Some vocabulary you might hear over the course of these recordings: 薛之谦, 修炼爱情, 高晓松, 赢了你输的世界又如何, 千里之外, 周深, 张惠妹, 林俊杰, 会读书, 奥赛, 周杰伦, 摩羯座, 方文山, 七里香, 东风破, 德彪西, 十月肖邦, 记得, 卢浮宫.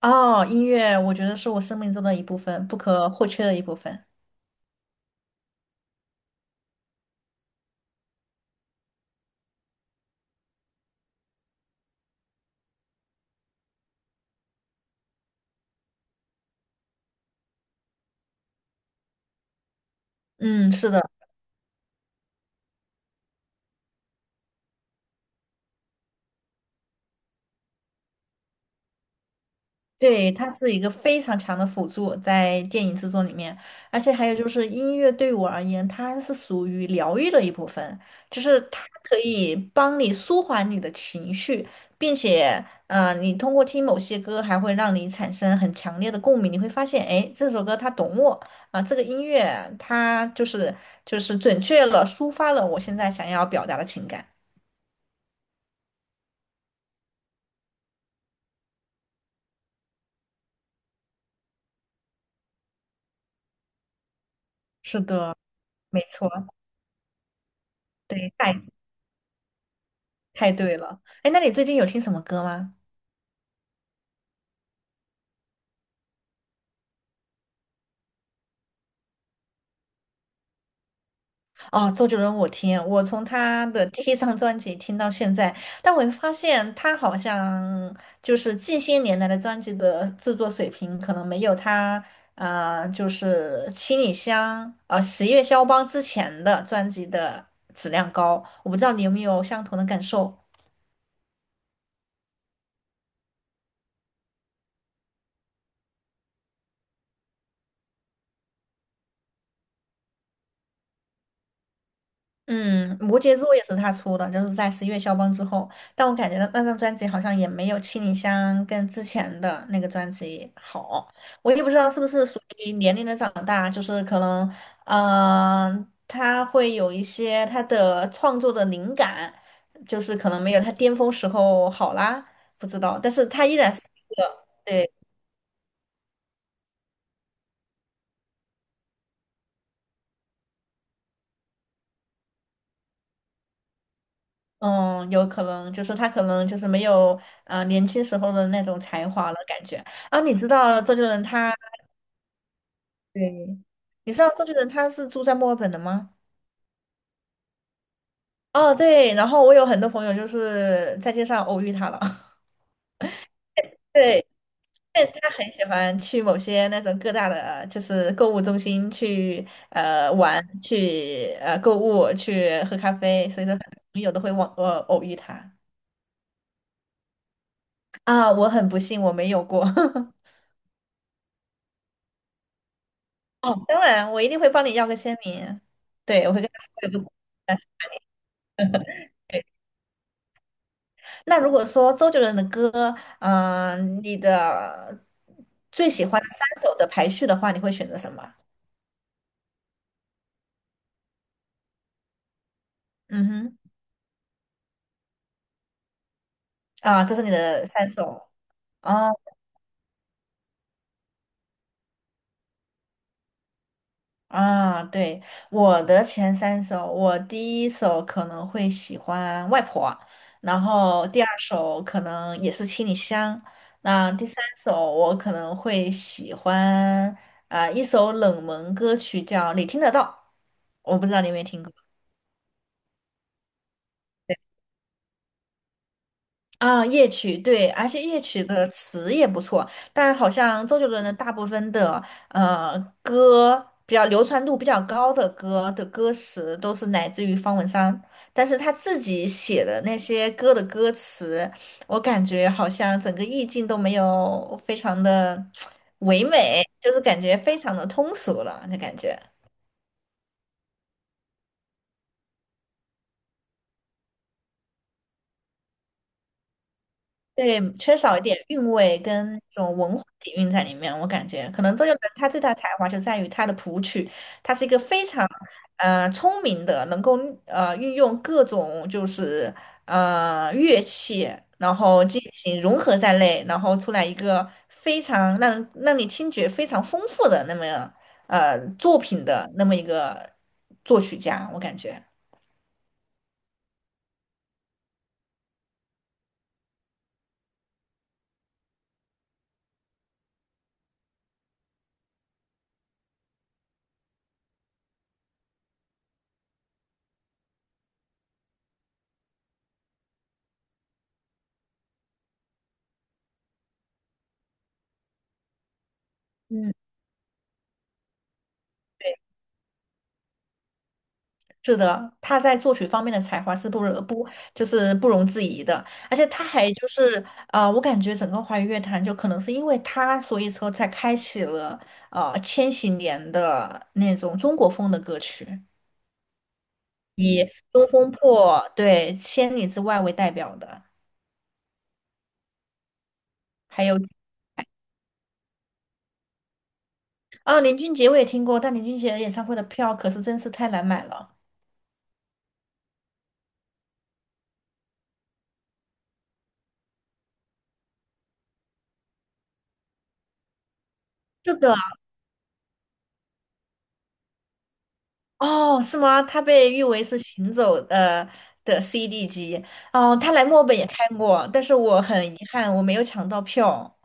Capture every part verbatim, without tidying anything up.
哦，音乐我觉得是我生命中的一部分，不可或缺的一部分。嗯，是的，对，它是一个非常强的辅助在电影制作里面，而且还有就是音乐对我而言，它是属于疗愈的一部分，就是它可以帮你舒缓你的情绪，并且，呃，你通过听某些歌，还会让你产生很强烈的共鸣，你会发现，哎，这首歌它懂我。啊，这个音乐它就是就是准确了抒发了我现在想要表达的情感。是的，没错，对，太太对了。哎，那你最近有听什么歌吗？哦，周杰伦我听，我从他的第一张专辑听到现在，但我会发现他好像就是近些年来的专辑的制作水平可能没有他啊、呃就是《七里香》呃《十月肖邦》之前的专辑的质量高。我不知道你有没有相同的感受。嗯，摩羯座也是他出的，就是在十一月肖邦之后。但我感觉那那张专辑好像也没有《七里香》跟之前的那个专辑好。我也不知道是不是属于年龄的长大，就是可能，嗯、他会有一些他的创作的灵感，就是可能没有他巅峰时候好啦，不知道。但是他依然是一个，对，嗯，有可能就是他可能就是没有，呃，年轻时候的那种才华了，感觉。啊，你知道周杰伦他。对，你知道周杰伦他是住在墨尔本的吗？哦，对，然后我有很多朋友就是在街上偶遇他了。对，但他很喜欢去某些那种各大的，就是购物中心去呃玩，去呃购物，去喝咖啡，所以说很多朋友都会往呃偶遇他。啊，我很不幸我没有过。哦，当然，我一定会帮你要个签名。对，我会跟他说有个。那如果说周杰伦的歌，嗯、你的最喜欢的三首的排序的话，你会选择什么？嗯哼，啊，这是你的三首。哦啊，对，我的前三首，我第一首可能会喜欢《外婆》，然后第二首可能也是《七里香》，那第三首我可能会喜欢啊、一首冷门歌曲叫《你听得到》，我不知道你有没有听过。啊，夜曲对，而且夜曲的词也不错，但好像周杰伦的大部分的呃歌比较流传度比较高的歌的歌词都是来自于方文山，但是他自己写的那些歌的歌词，我感觉好像整个意境都没有非常的 唯美，就是感觉非常的通俗了，那感觉。对，缺少一点韵味跟这种文化底蕴在里面，我感觉可能周杰伦他最大的才华就在于他的谱曲，他是一个非常呃聪明的，能够呃运用各种就是呃乐器，然后进行融合在内，然后出来一个非常让让你听觉非常丰富的那么呃作品的那么一个作曲家，我感觉。嗯。对。是的，他在作曲方面的才华是不容不就是不容置疑的，而且他还就是呃，我感觉整个华语乐坛就可能是因为他，所以说才开启了呃千禧年的那种中国风的歌曲，《东风破》对《千里之外》为代表的，还有哦，林俊杰我也听过，但林俊杰演唱会的票可是真是太难买了。是的，哦，是吗？他被誉为是行走的的 C D 机。哦，他来墨尔本也开过，但是我很遗憾，我没有抢到票。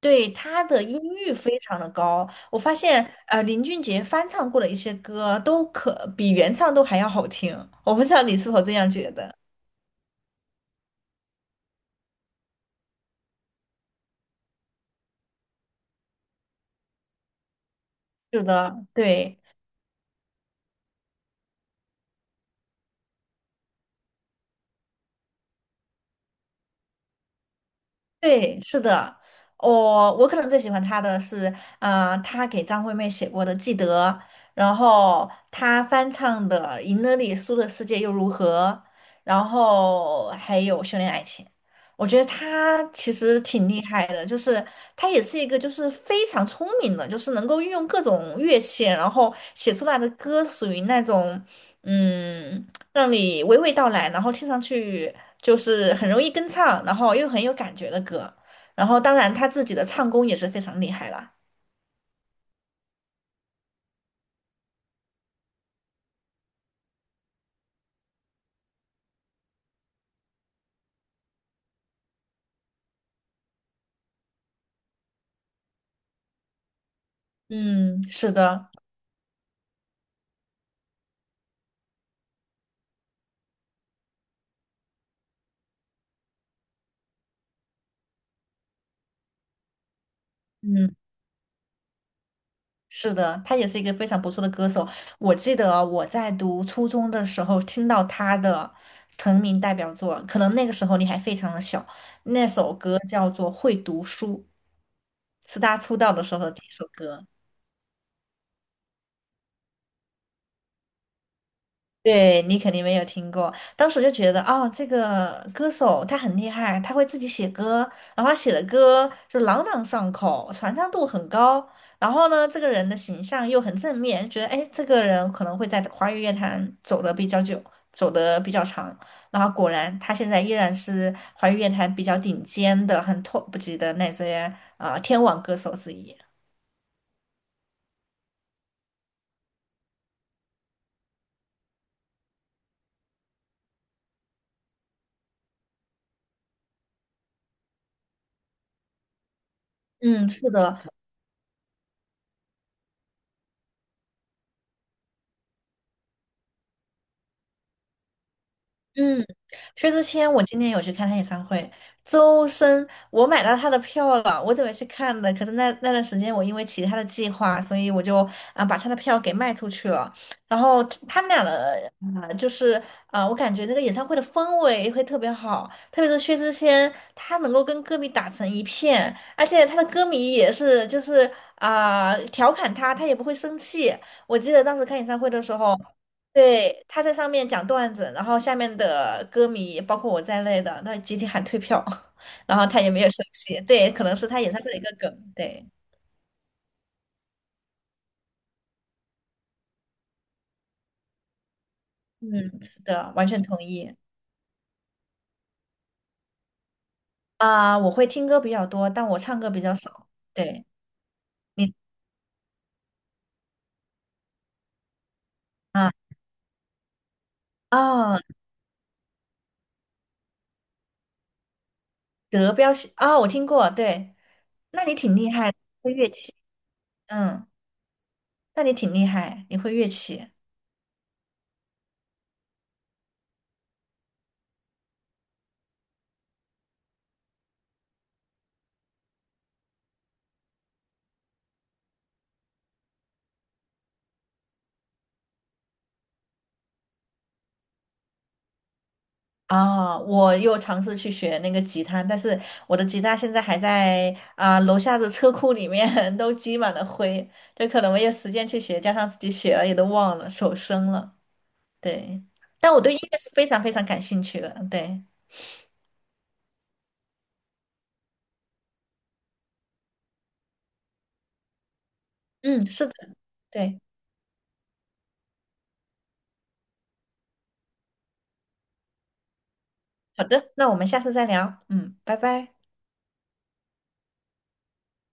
对，他的音域非常的高，我发现呃林俊杰翻唱过的一些歌都可比原唱都还要好听。我不知道你是否这样觉得？是的，对。对，是的，我我可能最喜欢他的是，嗯呃，他给张惠妹写过的《记得》，然后他翻唱的《赢了你输的世界又如何》，然后还有《修炼爱情》。我觉得他其实挺厉害的，就是他也是一个就是非常聪明的，就是能够运用各种乐器，然后写出来的歌属于那种。嗯，让你娓娓道来，然后听上去就是很容易跟唱，然后又很有感觉的歌。然后，当然他自己的唱功也是非常厉害啦。嗯，是的，嗯，是的，他也是一个非常不错的歌手。我记得我在读初中的时候听到他的成名代表作，可能那个时候你还非常的小，那首歌叫做《会读书》，是他出道的时候的第一首歌。对你肯定没有听过，当时就觉得哦，这个歌手他很厉害，他会自己写歌，然后他写的歌就朗朗上口，传唱度很高。然后呢，这个人的形象又很正面，觉得哎，诶这个人可能会在华语乐坛走得比较久，走得比较长。然后果然，他现在依然是华语乐坛比较顶尖的、很 top 级的那些啊、呃天王歌手之一。嗯，是的，嗯，薛之谦，我今天有去看他演唱会。周深，我买到他的票了，我准备去看的，可是那那段时间我因为其他的计划，所以我就啊、把他的票给卖出去了。然后他们俩的啊、就是啊、我感觉那个演唱会的氛围会特别好，特别是薛之谦，他能够跟歌迷打成一片，而且他的歌迷也是就是啊、调侃他，他也不会生气。我记得当时看演唱会的时候。对，他在上面讲段子，然后下面的歌迷，包括我在内的，那集体喊退票，然后他也没有生气。对，可能是他演唱会的一个梗。对，嗯，是的，完全同意。啊、我会听歌比较多，但我唱歌比较少。对，你啊啊，德彪西啊，我听过。对，那你挺厉害的会乐器。嗯，那你挺厉害，你会乐器。啊，我又尝试去学那个吉他，但是我的吉他现在还在啊、楼下的车库里面 都积满了灰，这可能没有时间去学，加上自己写了也都忘了，手生了。对，但我对音乐是非常非常感兴趣的。对，嗯，是的，对，好的，那我们下次再聊。嗯，拜拜。